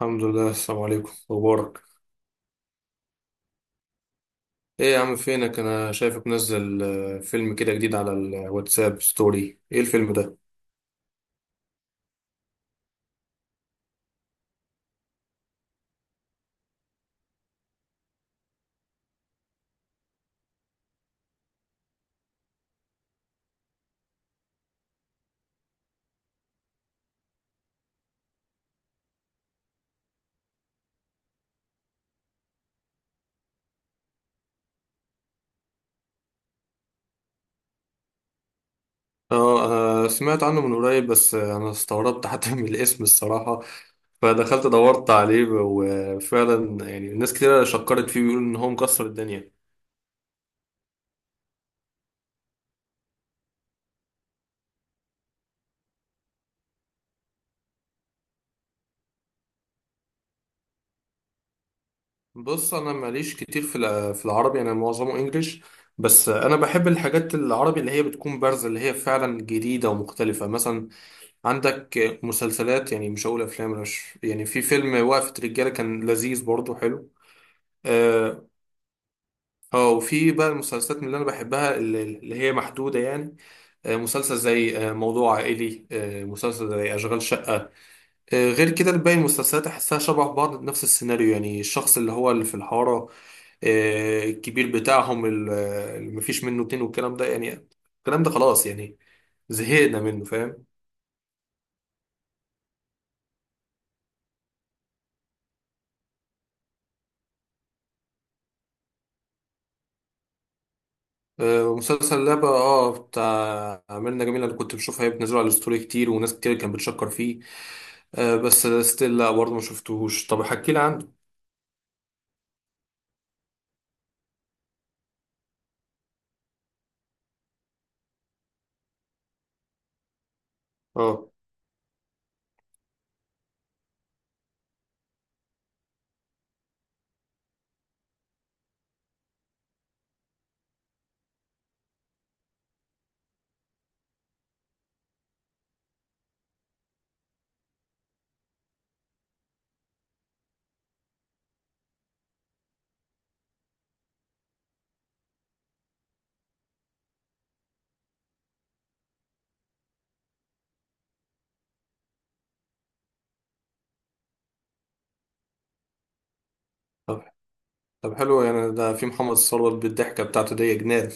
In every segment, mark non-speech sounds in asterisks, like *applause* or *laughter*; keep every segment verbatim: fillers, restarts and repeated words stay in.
الحمد لله. السلام عليكم مبارك. ايه يا عم فينك؟ انا شايفك منزل آه، فيلم كده جديد على الواتساب ستوري. ايه الفيلم ده؟ اه، آه، سمعت عنه من قريب، بس آه، انا استغربت حتى *laughs* من الاسم الصراحة، فدخلت دورت عليه، وفعلا يعني ناس كتير شكرت فيه بيقولوا ان هو مكسر الدنيا. بص انا ماليش كتير في الع- في العربي، انا معظمه انجليش، بس آه، انا بحب الحاجات العربي اللي هي بتكون بارزة، اللي هي فعلا جديدة ومختلفة. مثلا عندك مسلسلات، يعني مش هقول افلام، أنا مش يعني في فيلم وقفة رجالة كان لذيذ برضه حلو. اه، آه، وفي بقى المسلسلات من اللي انا بحبها اللي اللي هي محدودة يعني. آه، مسلسل زي آه، موضوع عائلي، آه، مسلسل زي اشغال شقة. آه، غير كده باقي المسلسلات احسها شبه بعض، نفس السيناريو، يعني الشخص اللي هو اللي في الحارة، آه، الكبير بتاعهم، ال- اللي مفيش منه اتنين، والكلام ده يعني، الكلام ده خلاص يعني، زهقنا منه، فاهم؟ آه، ومسلسل لعبة، اه، بتاع ميرنا جميلة اللي كنت بشوفها هي بتنزله على الستوري كتير، وناس كتير كانت بتشكر فيه. آه، بس ستيل لا برضه ما شفتهوش، طب احكي لي عنه. اه. طب، طب حلو يعني، ده في محمد ثروت بالضحكة بتاعته دي يا جنان.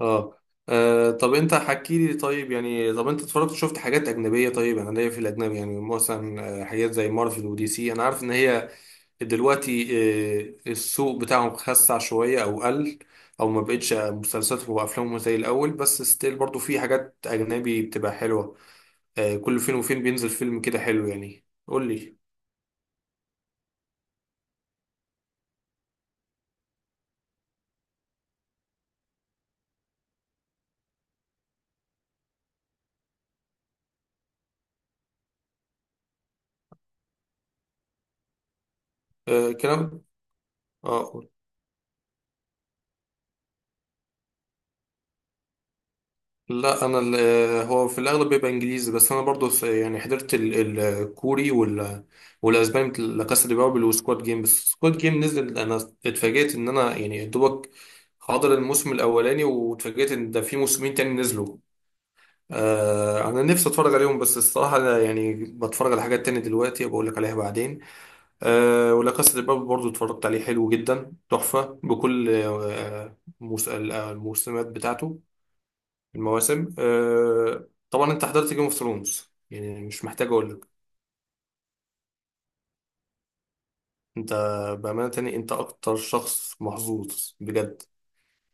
اه، آه، طب انت حكي لي طيب، يعني طب انت اتفرجت شفت حاجات اجنبيه؟ طيب انا ليا في الاجنبي، يعني مثلا آه، حاجات زي مارفل ودي سي، انا عارف ان هي دلوقتي آه، السوق بتاعهم خسع شوية أو قل، أو ما بقتش مسلسلاتهم وأفلامهم زي الأول، بس ستيل برضو في حاجات أجنبي بتبقى حلوة. آه، كل فين وفين بينزل فيلم كده حلو، يعني قول لي. آه، كلام. آه قول. لا، أنا ال- آه، هو في الأغلب بيبقى إنجليزي، بس أنا برضو س- يعني حضرت ال- الكوري وال والأسباني، مثل لا كاسا دي بابل وسكواد جيم. بس سكواد جيم نزل، أنا اتفاجئت إن أنا يعني يا دوبك حاضر الموسم الأولاني، واتفاجئت إن ده في موسمين تاني نزلوا. آه انا نفسي اتفرج عليهم، بس الصراحه أنا يعني بتفرج على حاجات تانية دلوقتي، بقول لك عليها بعدين. آه ولا كاسا دي بابل برضو اتفرجت عليه، حلو جدا تحفه بكل آه موس- آه، الموسمات بتاعته، المواسم. آه طبعا انت حضرت جيم اوف ثرونز، يعني مش محتاج اقول لك. انت بامانه تاني انت اكتر شخص محظوظ بجد.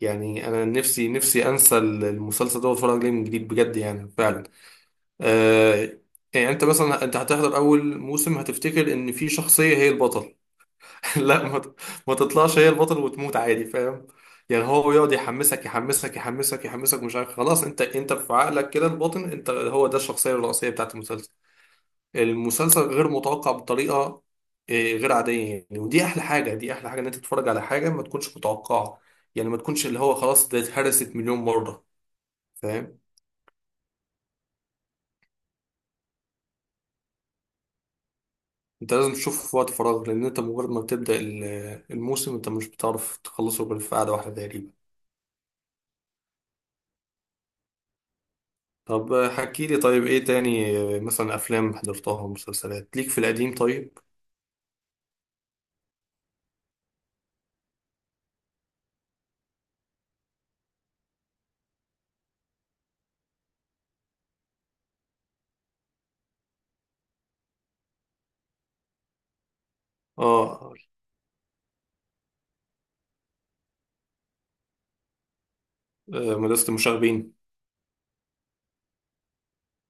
يعني انا نفسي نفسي انسى المسلسل ده واتفرج عليه من جديد، بجد يعني فعلا. آه، يعني انت مثلا انت هتحضر اول موسم هتفتكر ان في شخصية هي البطل. *laughs* لا، ما, ت- ما تطلعش هي البطل وتموت عادي، فاهم؟ يعني هو يقعد يحمسك يحمسك يحمسك يحمسك مش عارف، خلاص انت انت في عقلك كده الباطن انت هو ده الشخصية الرئيسية بتاعت المسلسل. المسلسل غير متوقع بطريقة آه، غير عادية، يعني ودي احلى حاجة، دي احلى حاجة ان انت تتفرج على حاجة ما تكونش متوقعة، يعني ما تكونش اللي هو خلاص ده اتهرست مليون مرة، فاهم؟ انت لازم تشوفه في وقت فراغ، لان انت مجرد ما بتبدأ ال- الموسم انت مش بتعرف تخلصه غير في قعدة واحدة تقريبا. طب حكي لي طيب ايه تاني، اه، مثلا افلام حضرتها ومسلسلات ليك في القديم طيب. اه. اه، مدرسة المشاغبين.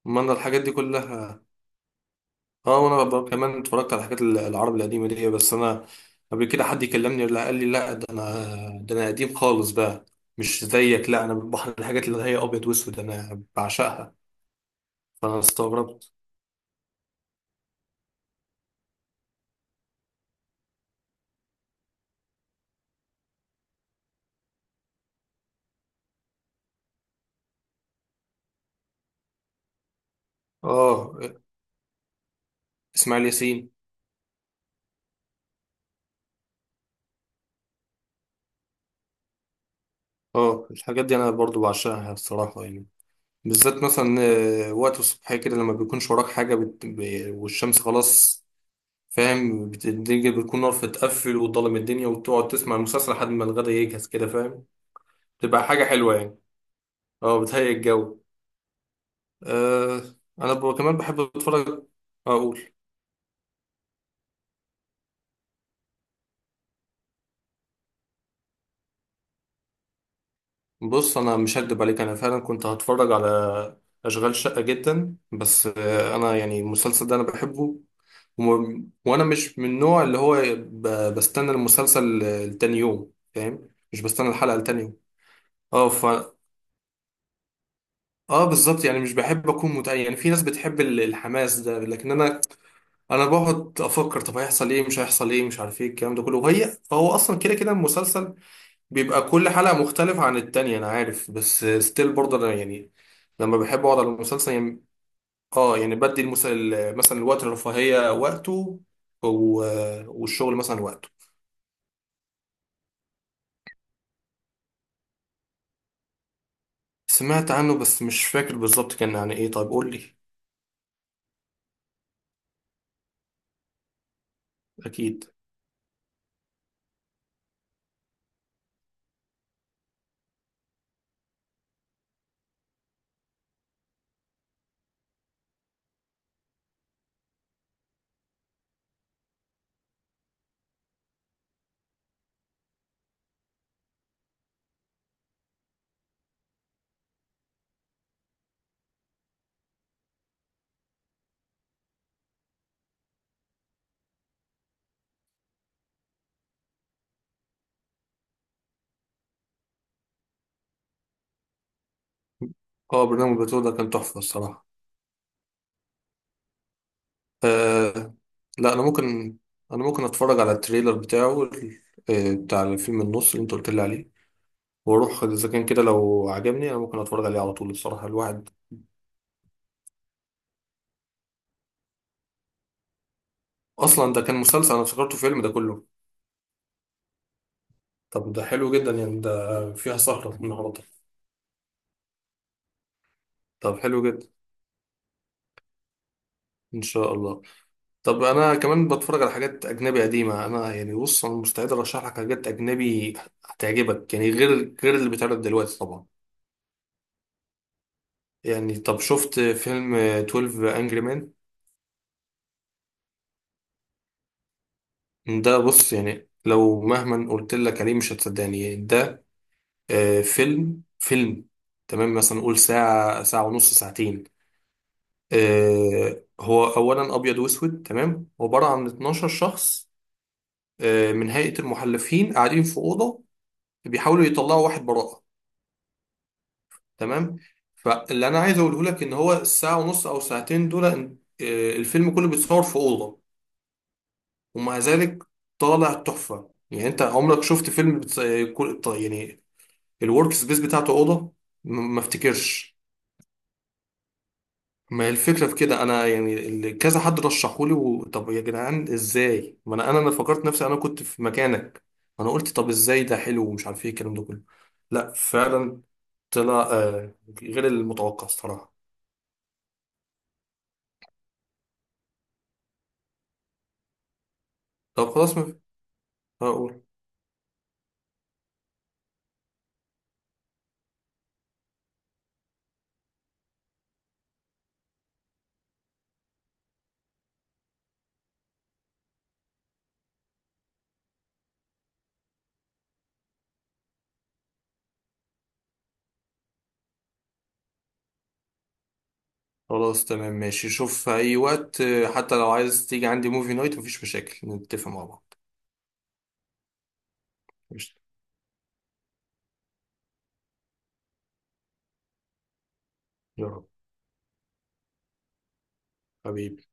ما انا الحاجات دي كلها. اه، وانا ب- كمان اتفرجت على الحاجات ال- العرب القديمة دي، بس انا قبل كده حد يكلمني لا قال لي لا، ده انا ده انا قديم خالص بقى، مش زيك. لا انا بحر الحاجات اللي هي ابيض واسود انا بعشقها، فانا استغربت. اه، اسماعيل ياسين. اه الحاجات دي انا برضو بعشقها الصراحه يعني، بالذات مثلا آه، وقت الصبح كده، لما بيكونش وراك حاجه بت... ب... والشمس خلاص، فاهم؟ بت... الدنيا بتكون نار، فتقفل وضلم الدنيا وتقعد تسمع المسلسل لحد ما الغدا يجهز كده، فاهم؟ تبقى حاجه حلوه يعني. اه بتهيئ الجو. آه، انا ب... كمان بحب اتفرج. اقول، بص انا مش هكدب عليك، انا فعلا كنت هتفرج على اشغال شقه جدا، بس آه انا يعني المسلسل ده انا بحبه، وم- وانا مش من النوع اللي هو ب- بستنى المسلسل لتاني يوم، فاهم؟ مش بستنى الحلقة لتاني يوم. اه ف، اه بالظبط، يعني مش بحب اكون متأيل، يعني في ناس بتحب ال- الحماس ده، لكن انا انا بقعد افكر طب هيحصل ايه مش هيحصل ايه، مش عارف ايه الكلام ده كله، وهي هو اصلا كده كده المسلسل بيبقى كل حلقة مختلفة عن التانية، انا عارف بس ستيل برضه انا يعني لما بحب اقعد على المسلسل يعني. اه يعني بدي المسل... مثلا الوقت الرفاهية وقته، و... والشغل مثلا وقته. سمعت عنه بس مش فاكر بالظبط كان عن ايه، طيب قول لي. اكيد. اه برنامج بتوع ده كان تحفه الصراحه. آه. لا انا ممكن، انا ممكن اتفرج على التريلر بتاعه ال- آه بتاع الفيلم النص اللي انت قلت لي عليه، واروح اذا كان كده، لو عجبني انا ممكن اتفرج عليه على طول الصراحه الواحد. اصلا ده كان مسلسل؟ انا افتكرته فيلم ده كله. طب ده حلو جدا يعني، ده فيها سهره النهارده. طب حلو جدا. ان شاء الله. طب انا كمان بتفرج على حاجات اجنبي قديمه، انا يعني بص انا مستعد ارشح لك حاجات اجنبي هتعجبك، يعني غير غير اللي بيتعرض دلوقتي طبعا. يعني طب شفت فيلم اتناشر انجري مان؟ ده بص، يعني لو مهما قلت لك عليه مش هتصدقني. ده آه، فيلم فيلم تمام مثلا نقول ساعه، ساعه ونص، ساعتين. آه، هو اولا ابيض واسود، تمام، عباره عن اتناشر شخص آه، من هيئه المحلفين قاعدين في اوضه، بيحاولوا يطلعوا واحد براءه، تمام. فاللي انا عايز اقوله لك ان هو الساعه ونص او ساعتين دول إن- آه، الفيلم كله بيتصور في اوضه، ومع ذلك طالع تحفه. يعني انت عمرك شفت فيلم بتص... آه، كل- ط- يعني الورك سبيس بتاعته اوضه؟ م- ما افتكرش. ما هي الفكره في كده، انا يعني اللي كذا حد رشحولي و... طب يا جدعان ازاي؟ ما انا انا أنا فكرت نفسي انا كنت في مكانك، انا قلت طب ازاي ده حلو، ومش عارف ايه الكلام ده كله. لا فعلا طلع آه، غير المتوقع الصراحه. طب خلاص. ما أقول، خلاص تمام ماشي. شوف في أي وقت، آه، حتى لو عايز تيجي عندي موفي نايت مفيش مشاكل، نتفق مع بعض. قشطة. يا رب. حبيبي.